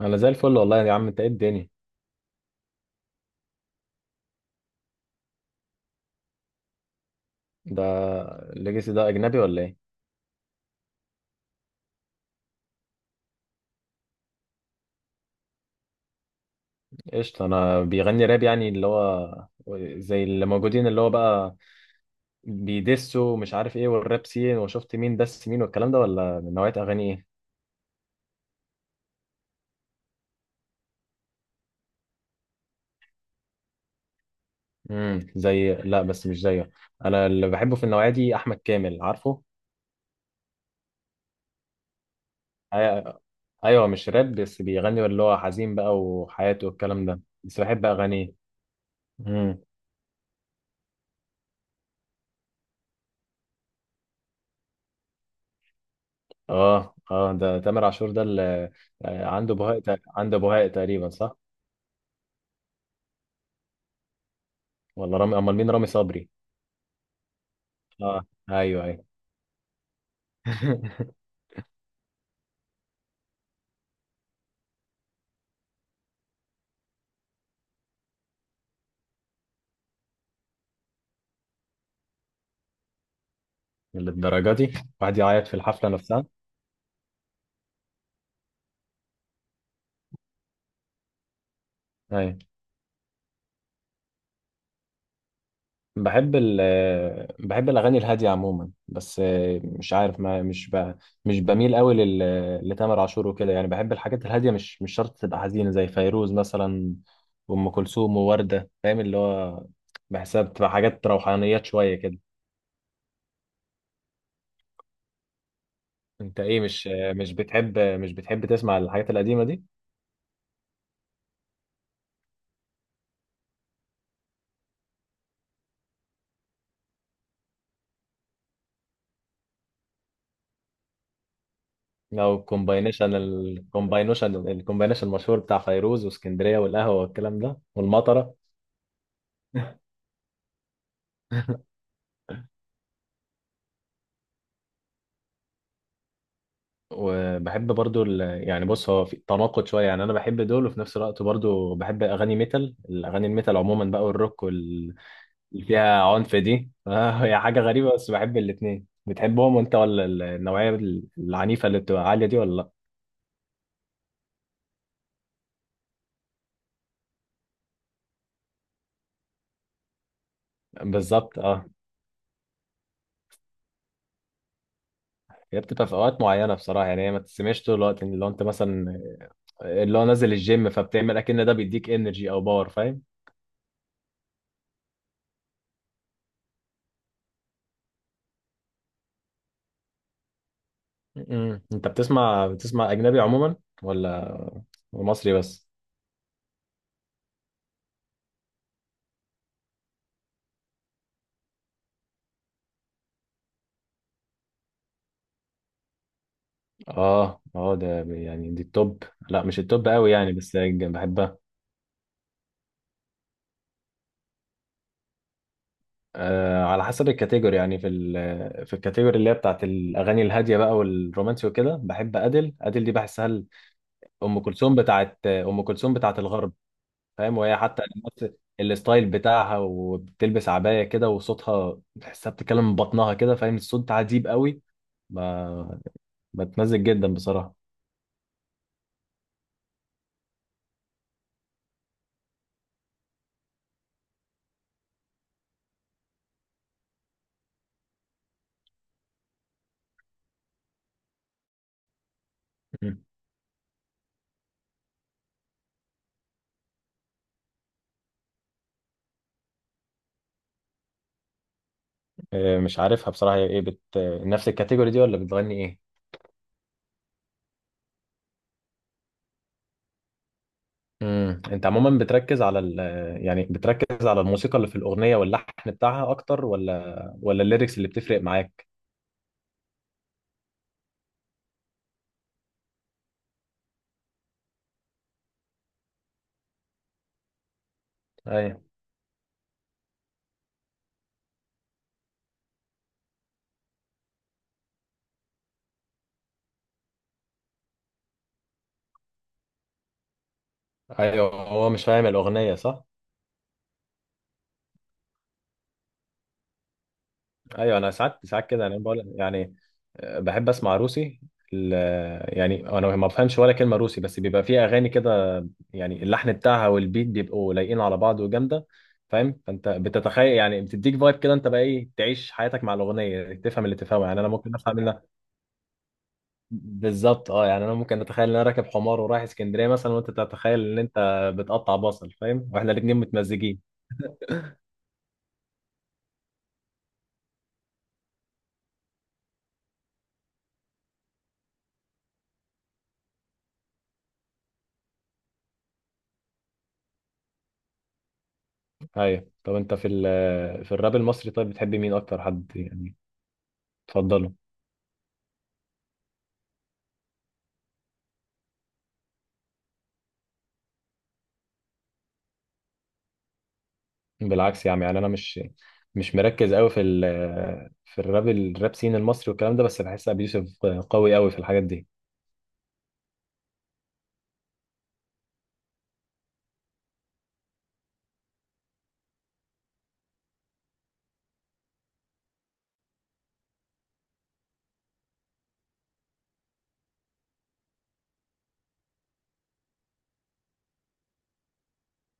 انا زي الفل والله يا عم، انت ايه الدنيا؟ ده الليجاسي ده اجنبي ولا ايه؟ قشطه. انا بيغني راب، يعني اللي هو زي اللي موجودين اللي هو بقى بيدسوا ومش عارف ايه، والراب سين وشفت مين دس مين والكلام ده، ولا من نوعيه اغاني ايه؟ زي، لا بس مش زيه. انا اللي بحبه في النوعيه دي احمد كامل، عارفه؟ أي- ايوه مش راب، بس بيغني اللي هو حزين بقى وحياته والكلام ده، بس بحب اغانيه. مم. اه اه، ده تامر عاشور ده اللي عنده بهاء عنده بهاء تقريبا صح؟ ولا رامي، امال مين؟ رامي صبري؟ اه ايوه ايوه. للدرجه دي؟ واحد يعيط في الحفله نفسها؟ ايوه. بحب ال آه، بحب الاغاني الهاديه عموما، بس مش عارف، ما مش مش بميل قوي لتامر عاشور وكده يعني. بحب الحاجات الهاديه، مش مش شرط تبقى حزينه، زي فيروز مثلا وام كلثوم وورده، فاهم؟ اللي هو بحسها بتبقى حاجات روحانيات شويه كده. انت ايه؟ مش بتحب مش بتحب تسمع الحاجات القديمه دي؟ او الكومباينيشن، الكومباينيشن المشهور بتاع فيروز واسكندريه والقهوه والكلام ده والمطره. وبحب برضو يعني بص، هو في تناقض شويه يعني. انا بحب دول، وفي نفس الوقت برضو بحب اغاني ميتال، الاغاني الميتال عموما بقى، والروك اللي فيها عنف دي. هي حاجه غريبه بس بحب الاتنين. بتحبهم وانت ولا النوعيه العنيفه اللي بتبقى عاليه دي ولا لا؟ بالظبط اه. هي بتبقى في اوقات معينه بصراحه، يعني هي ما تسمعش طول الوقت. اللي هو انت مثلا اللي هو نازل الجيم، فبتعمل اكن ده بيديك انرجي او باور، فاهم؟ م-م. انت بتسمع، بتسمع اجنبي عموما ولا مصري بس؟ اه اه، ده يعني دي التوب. لا مش التوب قوي يعني، بس بحبها. آه، على حسب الكاتيجوري يعني. في في الكاتيجوري اللي هي بتاعت الاغاني الهاديه بقى والرومانسي وكده، بحب ادل. ادل دي بحسها ام كلثوم، بتاعت ام كلثوم بتاعت الغرب. فاهم؟ وهي حتى نفس الستايل بتاعها، وبتلبس عباية كده، وصوتها تحسها بتتكلم من بطنها كده، فاهم؟ الصوت عجيب قوي. ب- بتمزج جدا بصراحة. مم. آه، مش عارفها بصراحة، هي ايه نفس الكاتيجوري دي ولا بتغني ايه؟ انت عموما بتركز على يعني بتركز على الموسيقى اللي في الأغنية واللحن بتاعها اكتر، ولا ولا الليركس اللي بتفرق معاك؟ ايوه ايوه، هو مش فاهم الأغنية صح؟ ايوه. انا ساعات ساعات كده يعني بقول يعني، بحب اسمع روسي. ال- يعني انا ما بفهمش ولا كلمه روسي، بس بيبقى فيه اغاني كده يعني اللحن بتاعها والبيت بيبقوا لايقين على بعض وجامده، فاهم؟ فانت بتتخيل يعني، بتديك فايب كده انت بقى ايه، تعيش حياتك مع الاغنيه. تفهم اللي تفهمه يعني، انا ممكن افهم منها. بالظبط اه. يعني انا ممكن اتخيل ان انا راكب حمار ورايح اسكندريه مثلا، وانت تتخيل ان انت بتقطع بصل، فاهم؟ واحنا الاثنين متمزجين. ايوه. طب انت في في الراب المصري طيب بتحب مين اكتر حد يعني تفضله؟ بالعكس يا عم. يعني انا مش مركز قوي في في الراب، الراب سين المصري والكلام ده، بس بحس ابي يوسف قوي قوي في الحاجات دي.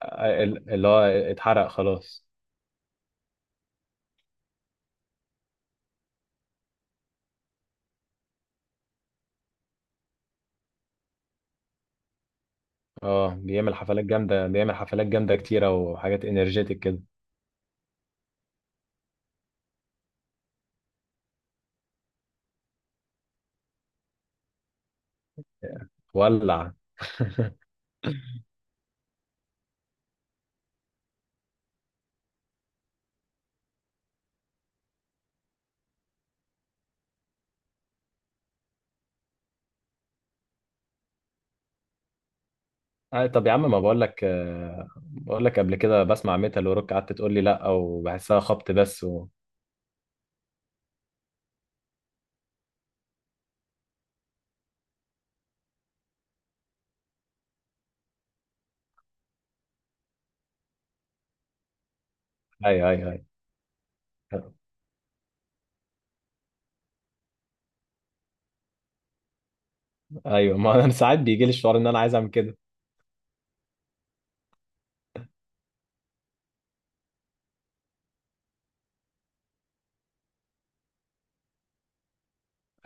اللي هو اتحرق خلاص. اه بيعمل حفلات جامده، بيعمل حفلات جامده كتيره وحاجات انرجيتك كده. ولع. آه طب يا عم، ما بقول لك، آه بقول لك قبل كده بسمع ميتال وروك، قعدت تقول لي لا وبحسها خبط بس و... ايوه ايوه. ايوه ايوه، ما انا ساعات بيجي لي الشعور ان انا عايز اعمل كده.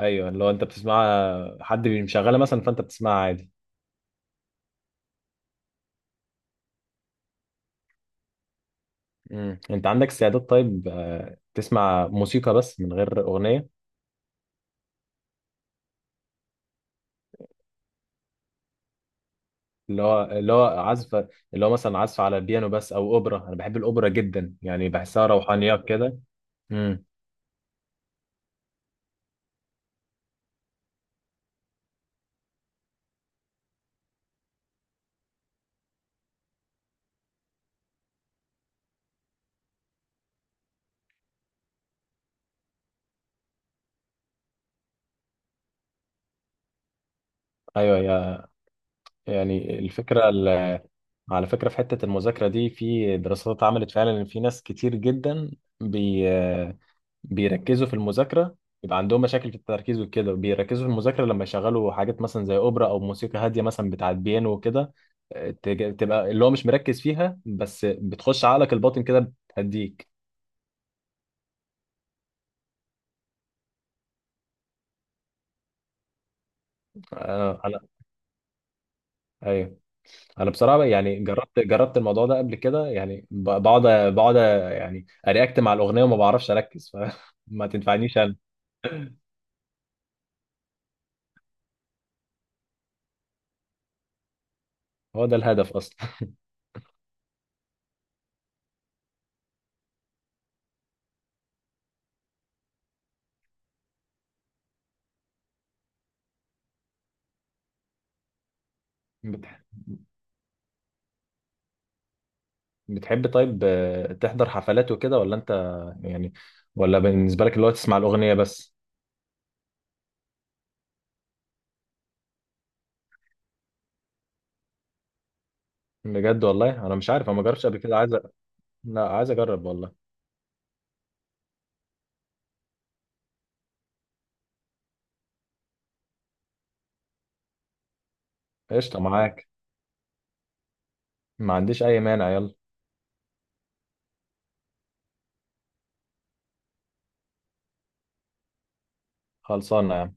ايوه، اللي هو انت بتسمع حد مشغله مثلا، فانت بتسمعها عادي. مم. انت عندك استعداد طيب، تسمع موسيقى بس من غير اغنيه؟ اللي هو، اللي هو عزف، اللي هو مثلا عزف على بيانو بس او اوبرا. انا بحب الاوبرا جدا يعني، بحسها روحانيات كده. امم ايوه يا، يعني الفكره على فكره في حته المذاكره دي، في دراسات اتعملت فعلا ان في ناس كتير جدا بيركزوا في المذاكرة، يبقى عندهم مشاكل في التركيز وكده، بيركزوا في المذاكرة لما يشغلوا حاجات مثلا زي أوبرا أو موسيقى هادية مثلا بتاعت بيانو وكده. آه، تبقى اللي هو مش مركز فيها، بس بتخش عقلك الباطن كده، بتهديك. انا ايوه. انا بصراحه يعني جربت، جربت الموضوع ده قبل كده يعني، بقعد، بقعد يعني ارياكت مع الاغنيه وما بعرفش اركز، فما تنفعنيش انا. هو ده الهدف اصلا. بتحب طيب، تحضر حفلات وكده ولا انت يعني، ولا بالنسبه لك اللي هو تسمع الاغنيه بس؟ بجد والله انا مش عارف، انا ما جربتش قبل كده، عايز لا عايز اجرب والله. قشطه، معاك. ما عنديش اي مانع، يلا. خلصانه يا عم.